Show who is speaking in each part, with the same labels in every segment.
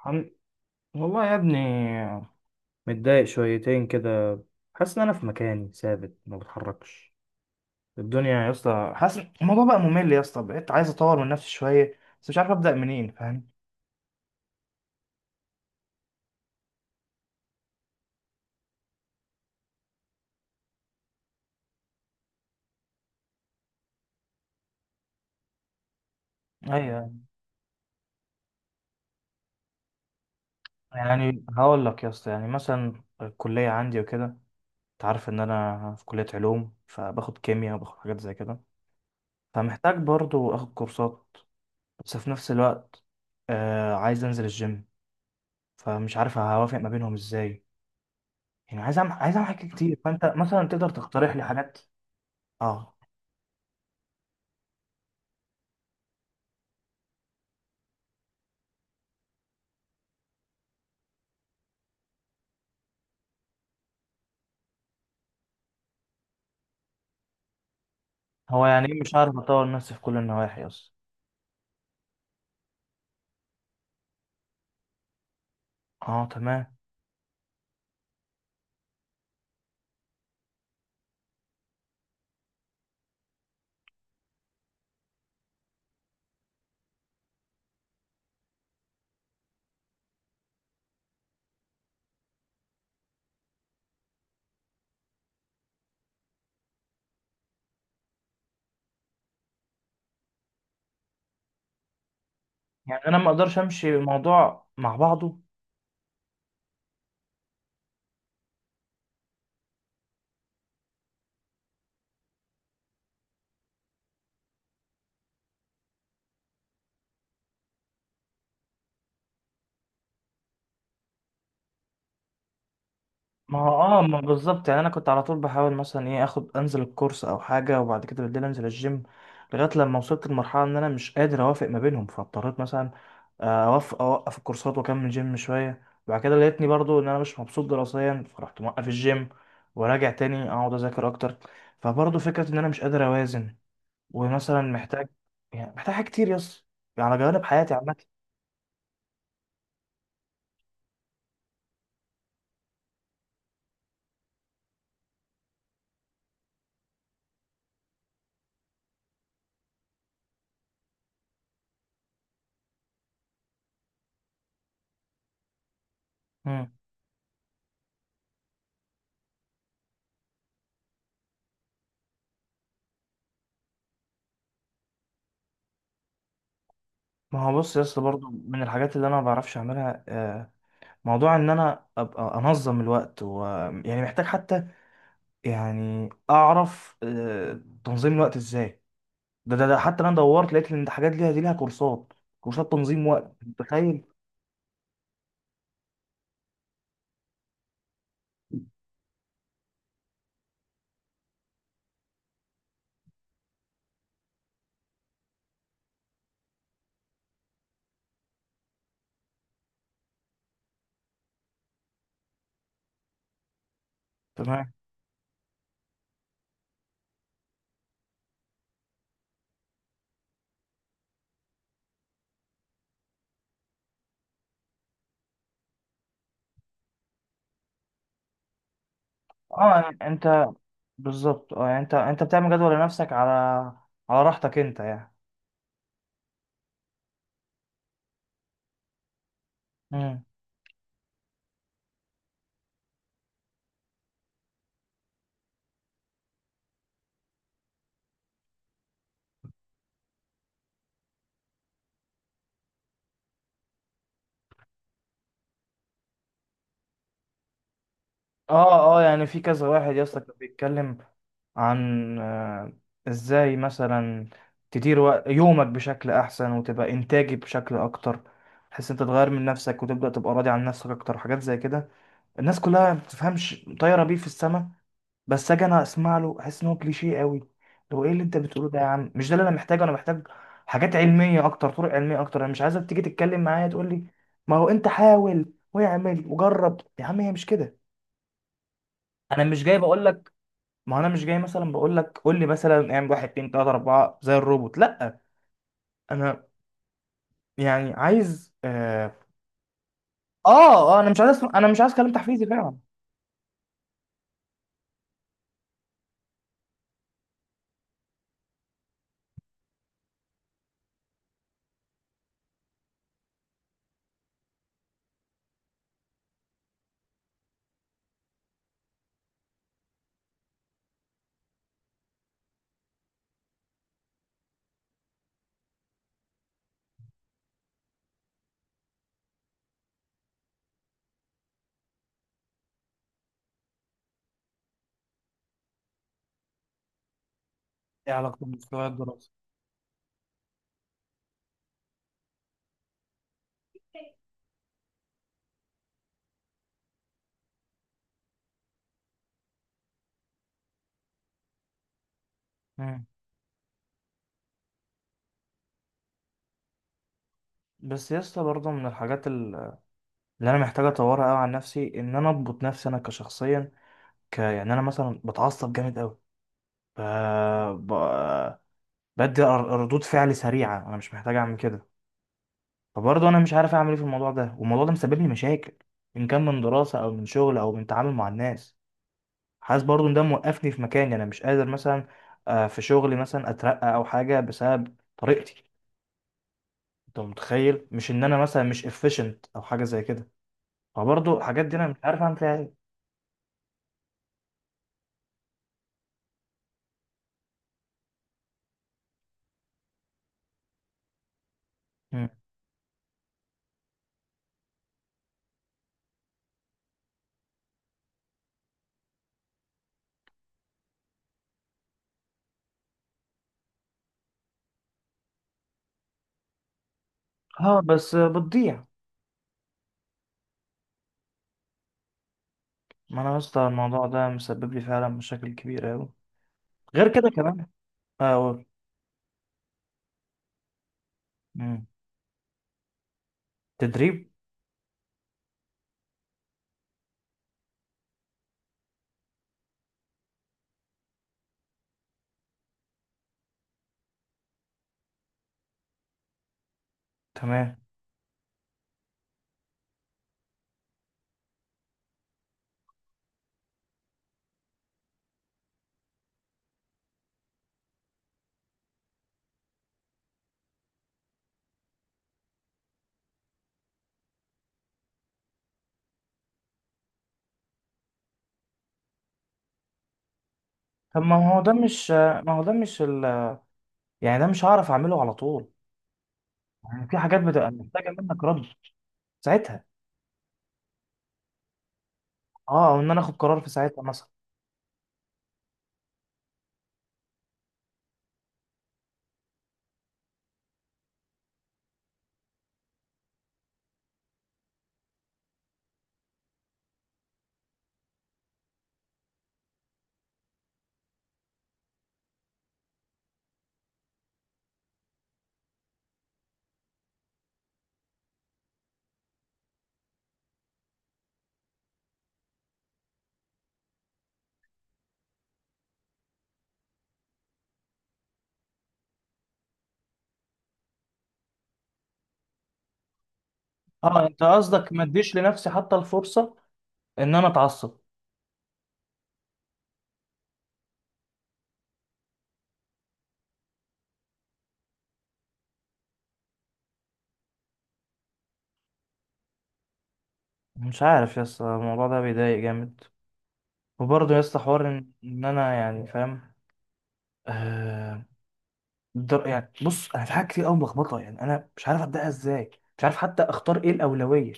Speaker 1: الحمد والله يا ابني، متضايق شويتين كده. حاسس ان انا في مكاني ثابت ما بتحركش الدنيا يا اسطى. حاسس الموضوع بقى ممل يا اسطى، بقيت عايز اطور من نفسي شويه بس مش عارف ابدا منين، فاهم؟ ايوه، يعني هقول لك يا اسطى، يعني مثلا الكليه عندي وكده، انت عارف ان انا في كليه علوم فباخد كيمياء وباخد حاجات زي كده، فمحتاج برضو اخد كورسات. بس في نفس الوقت آه عايز انزل الجيم، فمش عارف هوافق ما بينهم ازاي. يعني عايز أعمل حاجات كتير، فأنت مثلا تقدر تقترح لي حاجات. أه. هو يعني إيه مش هعرف أطور نفسي في كل النواحي أصلا؟ أه تمام. يعني أنا ما أقدرش أمشي الموضوع مع بعضه. ما هو اه ما بالظبط، يعني انا كنت على طول بحاول مثلا ايه اخد انزل الكورس او حاجه وبعد كده بالليل انزل الجيم، لغايه لما وصلت لمرحله ان انا مش قادر اوافق ما بينهم، فاضطريت مثلا اوقف الكورسات واكمل جيم شويه. بعد كده لقيتني برضو ان انا مش مبسوط دراسيا، فرحت موقف الجيم وراجع تاني اقعد اذاكر اكتر. فبرضو فكره ان انا مش قادر اوازن، ومثلا محتاج، يعني محتاج حاجات كتير يس على جوانب حياتي عامه. مم. ما هو بص يا اسطى، برضو من الحاجات اللي انا ما بعرفش اعملها موضوع ان انا ابقى انظم الوقت و... يعني محتاج حتى، يعني اعرف تنظيم الوقت ازاي. ده حتى انا دورت لقيت ان الحاجات دي لها كورسات، كورسات تنظيم وقت، متخيل؟ تمام. اه يعني انت، بالظبط. اه يعني انت بتعمل جدول لنفسك على، على راحتك انت يعني. مم. اه اه، يعني في كذا واحد يا اسطى كان بيتكلم عن ازاي مثلا تدير وق- يومك بشكل احسن وتبقى انتاجي بشكل اكتر، تحس انت تغير من نفسك وتبدأ تبقى راضي عن نفسك اكتر، حاجات زي كده. الناس كلها ما بتفهمش، طايره بيه في السما، بس اجي انا اسمع له احس ان هو كليشيه قوي. لو ايه اللي انت بتقوله ده يا عم، مش ده اللي انا محتاجه. انا محتاج حاجات علميه اكتر، طرق علميه اكتر. انا مش عايزك تيجي تتكلم معايا تقول لي ما هو انت حاول واعمل وجرب يا عم، هي مش كده. انا مش جاي بقول لك، ما انا مش جاي مثلا بقول لك قول لي مثلا اعمل واحد اتنين تلاته اربعه زي الروبوت، لا. انا يعني عايز اه. اه. انا مش عايز كلام تحفيزي فعلا. ايه علاقته بمستوى الدراسي؟ مم. بس يا اسطى برضه من اللي انا محتاج اطورها قوي عن نفسي، ان انا اضبط نفسي انا كشخصيا، ك يعني انا مثلا بتعصب جامد قوي، ف ب... بدي ر- ردود فعل سريعه، انا مش محتاج اعمل كده. فبرضه انا مش عارف اعمل ايه في الموضوع ده، والموضوع ده مسبب لي مشاكل، ان كان من دراسه او من شغل او من تعامل مع الناس. حاسس برضو ان ده موقفني في مكاني، انا مش قادر مثلا في شغلي مثلا اترقى او حاجه بسبب طريقتي. انت متخيل مش ان انا مثلا مش efficient او حاجه زي كده؟ فبرضو الحاجات دي انا مش عارف اعمل فيها ايه. مم. اه، بس بتضيع. ما انا يا اسطى الموضوع ده مسبب لي فعلا مشاكل كبيره قوي. غير كده كمان، اقول، تدريب؟ تمام. طب ما هو ده مش ما هو ده مش ال... يعني ده مش هعرف اعمله على طول. يعني في حاجات بتبقى محتاجه منك رد ساعتها. اه، او ان انا اخد قرار في ساعتها مثلا. اه، انت قصدك ما اديش لنفسي حتى الفرصه ان انا اتعصب. مش عارف يا اسطى، الموضوع ده بيضايق جامد. وبرضه يا اسطى حوار ان إن انا يعني فاهم. آه يعني بص انا في حاجات كتير قوي ملخبطه، يعني انا مش عارف ابداها ازاي، مش عارف حتى اختار ايه الاولويه.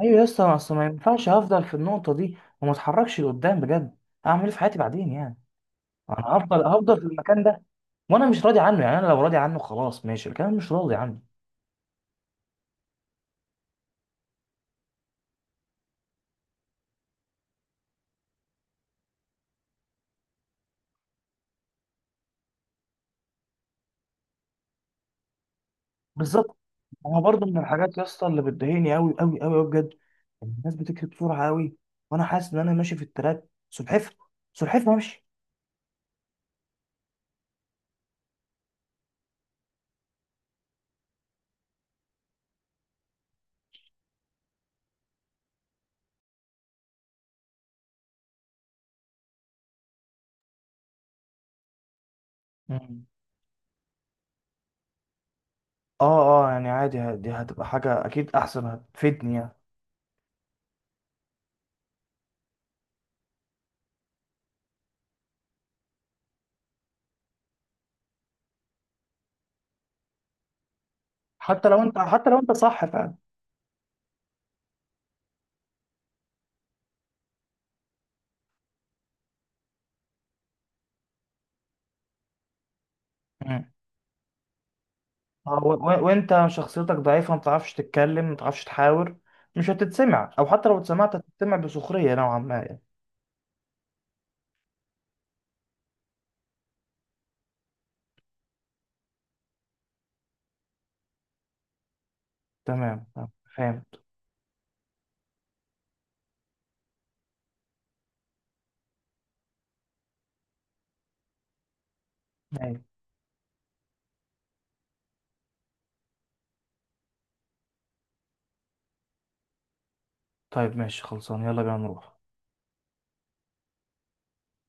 Speaker 1: ايوه يا اسطى، ما أصل ما ينفعش هفضل في النقطه دي وما اتحركش لقدام بجد. اعمل ايه في حياتي بعدين يعني؟ انا هفضل في المكان ده، وانا مش راضي عنه. يعني انا لو راضي عنه خلاص ماشي، لكن انا مش راضي عنه. بالظبط. انا برضو من الحاجات يا اسطى اللي بتضايقني قوي قوي قوي بجد، إن الناس بتكتب بسرعه قوي، وانا حاسس ان انا ماشي في التراك سلحفه، سلحفه ماشي. مم. اه اه، يعني عادي، ه- دي هتبقى حاجه اكيد احسن، هتفيدني يعني. حتى لو انت، حتى لو انت صح فعلا. مم. آه، وانت شخصيتك ضعيفه، ما بتعرفش تتكلم، ما بتعرفش تحاور، مش هتتسمع، او حتى لو اتسمعت هتتسمع بسخريه نوعا ما يعني. تمام، تمام، فهمت. أيوة. طيب ماشي، خلصان، يلا بينا نروح.